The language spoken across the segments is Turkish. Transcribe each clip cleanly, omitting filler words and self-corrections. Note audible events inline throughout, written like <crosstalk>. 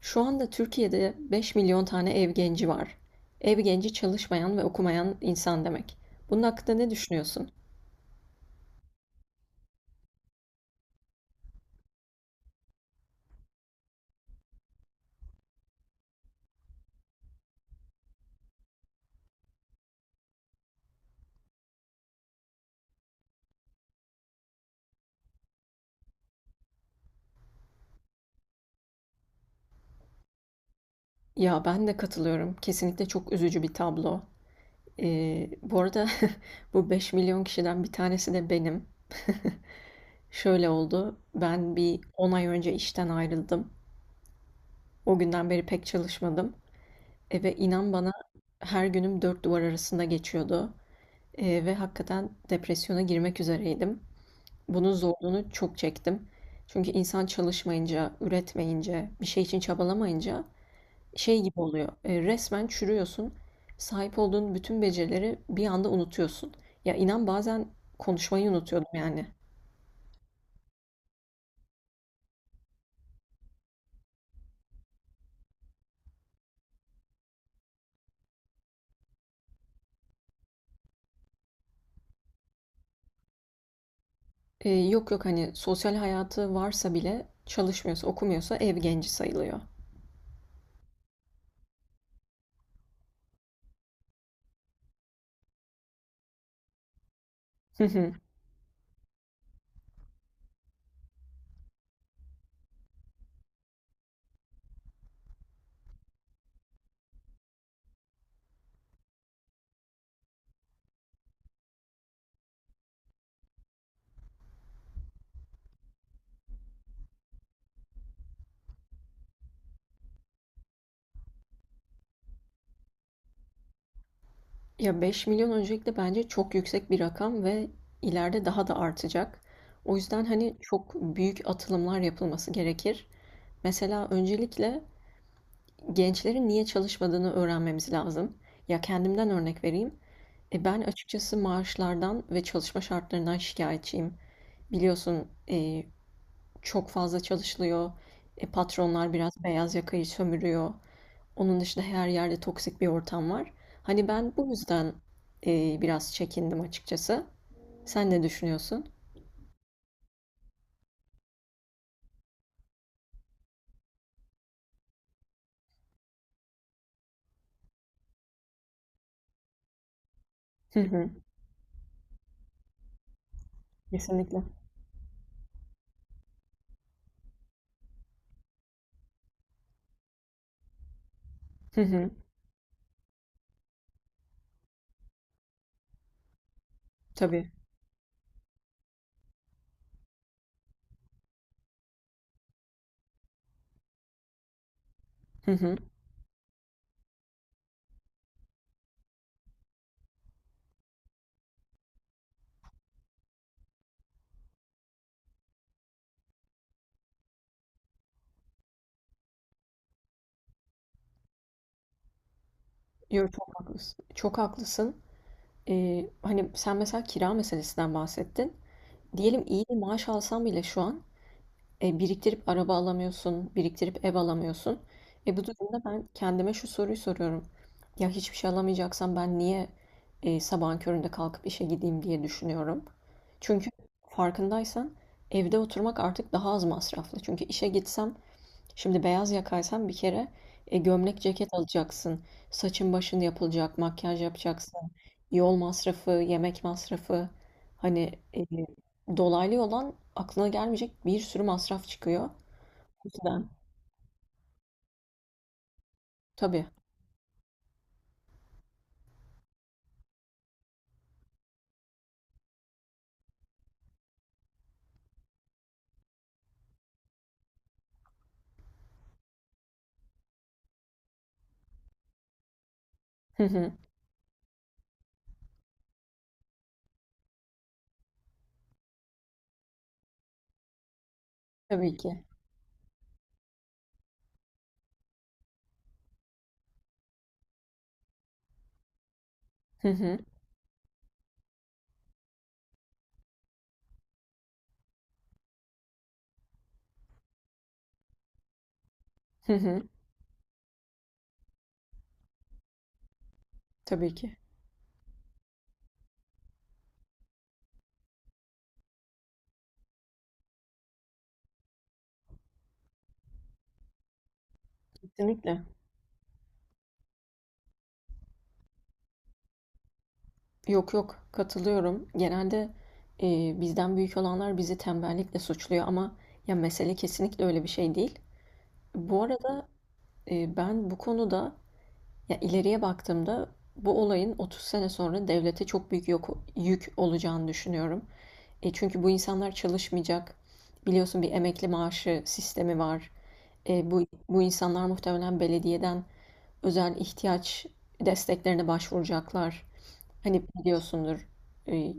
Şu anda Türkiye'de 5 milyon tane ev genci var. Ev genci çalışmayan ve okumayan insan demek. Bunun hakkında ne düşünüyorsun? Ya ben de katılıyorum. Kesinlikle çok üzücü bir tablo. Bu arada <laughs> bu 5 milyon kişiden bir tanesi de benim. Şöyle oldu. Ben bir 10 ay önce işten ayrıldım. O günden beri pek çalışmadım. Ve inan bana her günüm dört duvar arasında geçiyordu. Ve hakikaten depresyona girmek üzereydim. Bunun zorluğunu çok çektim. Çünkü insan çalışmayınca, üretmeyince, bir şey için çabalamayınca şey gibi oluyor. Resmen çürüyorsun. Sahip olduğun bütün becerileri bir anda unutuyorsun. Ya inan bazen konuşmayı unutuyordum yani. Yok yok, hani sosyal hayatı varsa bile çalışmıyorsa, okumuyorsa ev genci sayılıyor. <laughs> Ya 5 milyon öncelikle bence çok yüksek bir rakam ve ileride daha da artacak. O yüzden hani çok büyük atılımlar yapılması gerekir. Mesela öncelikle gençlerin niye çalışmadığını öğrenmemiz lazım. Ya kendimden örnek vereyim. Ben açıkçası maaşlardan ve çalışma şartlarından şikayetçiyim. Biliyorsun çok fazla çalışılıyor. Patronlar biraz beyaz yakayı sömürüyor. Onun dışında her yerde toksik bir ortam var. Hani ben bu yüzden biraz çekindim açıkçası. Sen ne düşünüyorsun? Hı hı, kesinlikle. Hı hı, tabii. Hı hı. Yo, çok haklısın. Çok haklısın. Hani sen mesela kira meselesinden bahsettin. Diyelim iyi bir maaş alsam bile şu an, biriktirip araba alamıyorsun, biriktirip ev alamıyorsun. Bu durumda ben kendime şu soruyu soruyorum. Ya hiçbir şey alamayacaksam ben niye sabahın köründe kalkıp işe gideyim diye düşünüyorum. Çünkü farkındaysan evde oturmak artık daha az masraflı. Çünkü işe gitsem. Şimdi beyaz yakaysan bir kere, gömlek ceket alacaksın. Saçın başın yapılacak, makyaj yapacaksın. Yol masrafı, yemek masrafı. Hani dolaylı yoldan aklına gelmeyecek bir sürü masraf çıkıyor. O yüzden tabii. Hı hı. Tabii ki. Hı hı. Hı hı. Tabii ki. Kesinlikle. Yok yok, katılıyorum. Genelde bizden büyük olanlar bizi tembellikle suçluyor ama ya mesele kesinlikle öyle bir şey değil. Bu arada ben bu konuda. Ya ileriye baktığımda bu olayın 30 sene sonra devlete çok büyük yük olacağını düşünüyorum. Çünkü bu insanlar çalışmayacak. Biliyorsun bir emekli maaşı sistemi var. Bu insanlar muhtemelen belediyeden özel ihtiyaç desteklerine başvuracaklar. Hani biliyorsundur, e,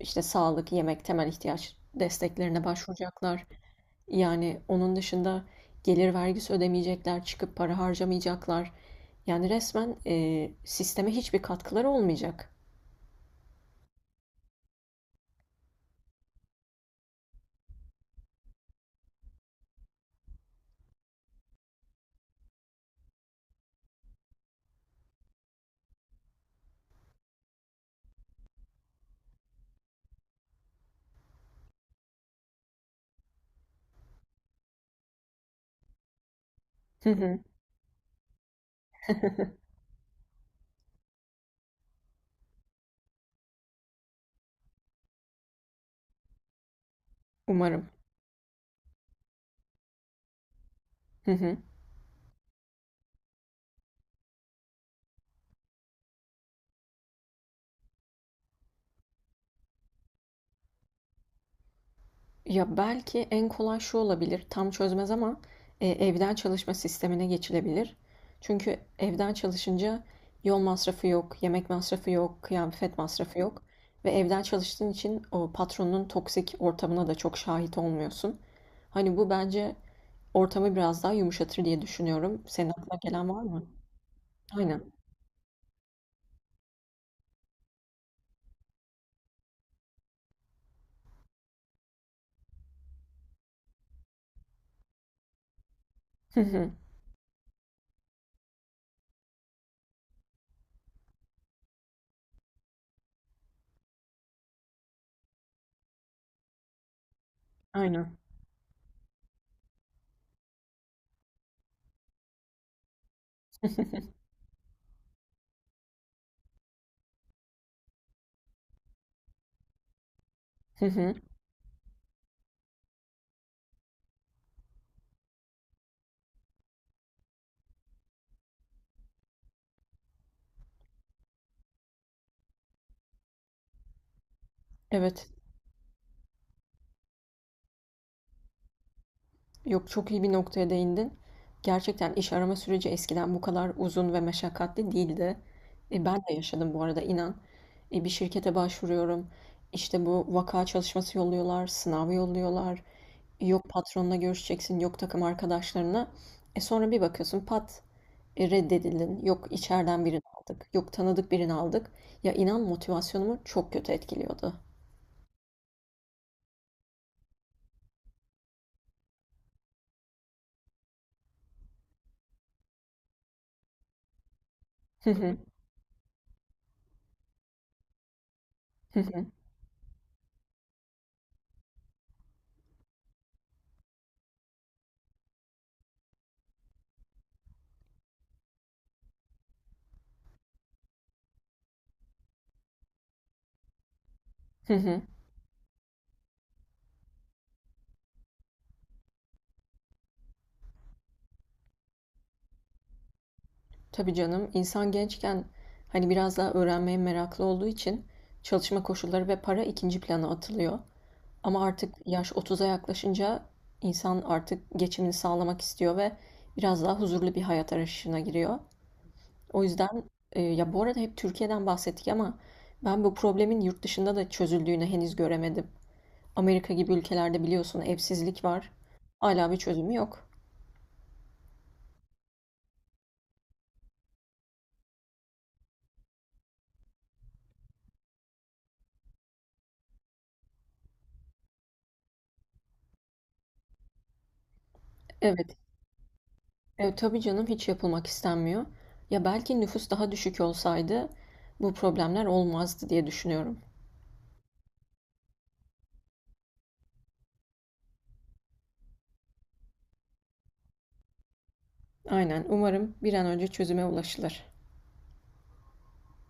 işte sağlık, yemek, temel ihtiyaç desteklerine başvuracaklar. Yani onun dışında gelir vergisi ödemeyecekler, çıkıp para harcamayacaklar. Yani resmen, sisteme hiçbir katkıları olmayacak. Hı hı. Umarım. Hı hı. Ya, belki en kolay şu olabilir, tam çözmez ama, evden çalışma sistemine geçilebilir. Çünkü evden çalışınca yol masrafı yok, yemek masrafı yok, kıyafet masrafı yok ve evden çalıştığın için o patronun toksik ortamına da çok şahit olmuyorsun. Hani bu bence. Ortamı biraz daha yumuşatır diye düşünüyorum. Senin aklına gelen var mı? Aynen. Hı hı. Aynen. Hı hı. Hı hı. Evet. Yok, çok iyi bir noktaya değindin. Gerçekten iş arama süreci eskiden bu kadar uzun ve meşakkatli değildi. Ben de yaşadım bu arada inan. Bir şirkete başvuruyorum. İşte bu vaka çalışması yolluyorlar, sınavı yolluyorlar. Yok patronla görüşeceksin, yok takım arkadaşlarına. Sonra bir bakıyorsun pat, reddedildin. Yok içeriden birini aldık, yok tanıdık birini aldık. Ya inan motivasyonumu çok kötü etkiliyordu. <laughs> Tabii canım, insan gençken hani biraz daha öğrenmeye meraklı olduğu için çalışma koşulları ve para ikinci plana atılıyor. Ama artık yaş 30'a yaklaşınca insan artık geçimini sağlamak istiyor ve biraz daha huzurlu bir hayat arayışına giriyor. O yüzden, ya bu arada hep Türkiye'den bahsettik ama ben bu problemin yurt dışında da çözüldüğünü henüz göremedim. Amerika gibi ülkelerde biliyorsun evsizlik var. Hala bir çözümü yok. Evet. Tabii canım hiç yapılmak istenmiyor. Ya belki nüfus daha düşük olsaydı bu problemler olmazdı diye düşünüyorum. Aynen, umarım bir an önce çözüme ulaşılır.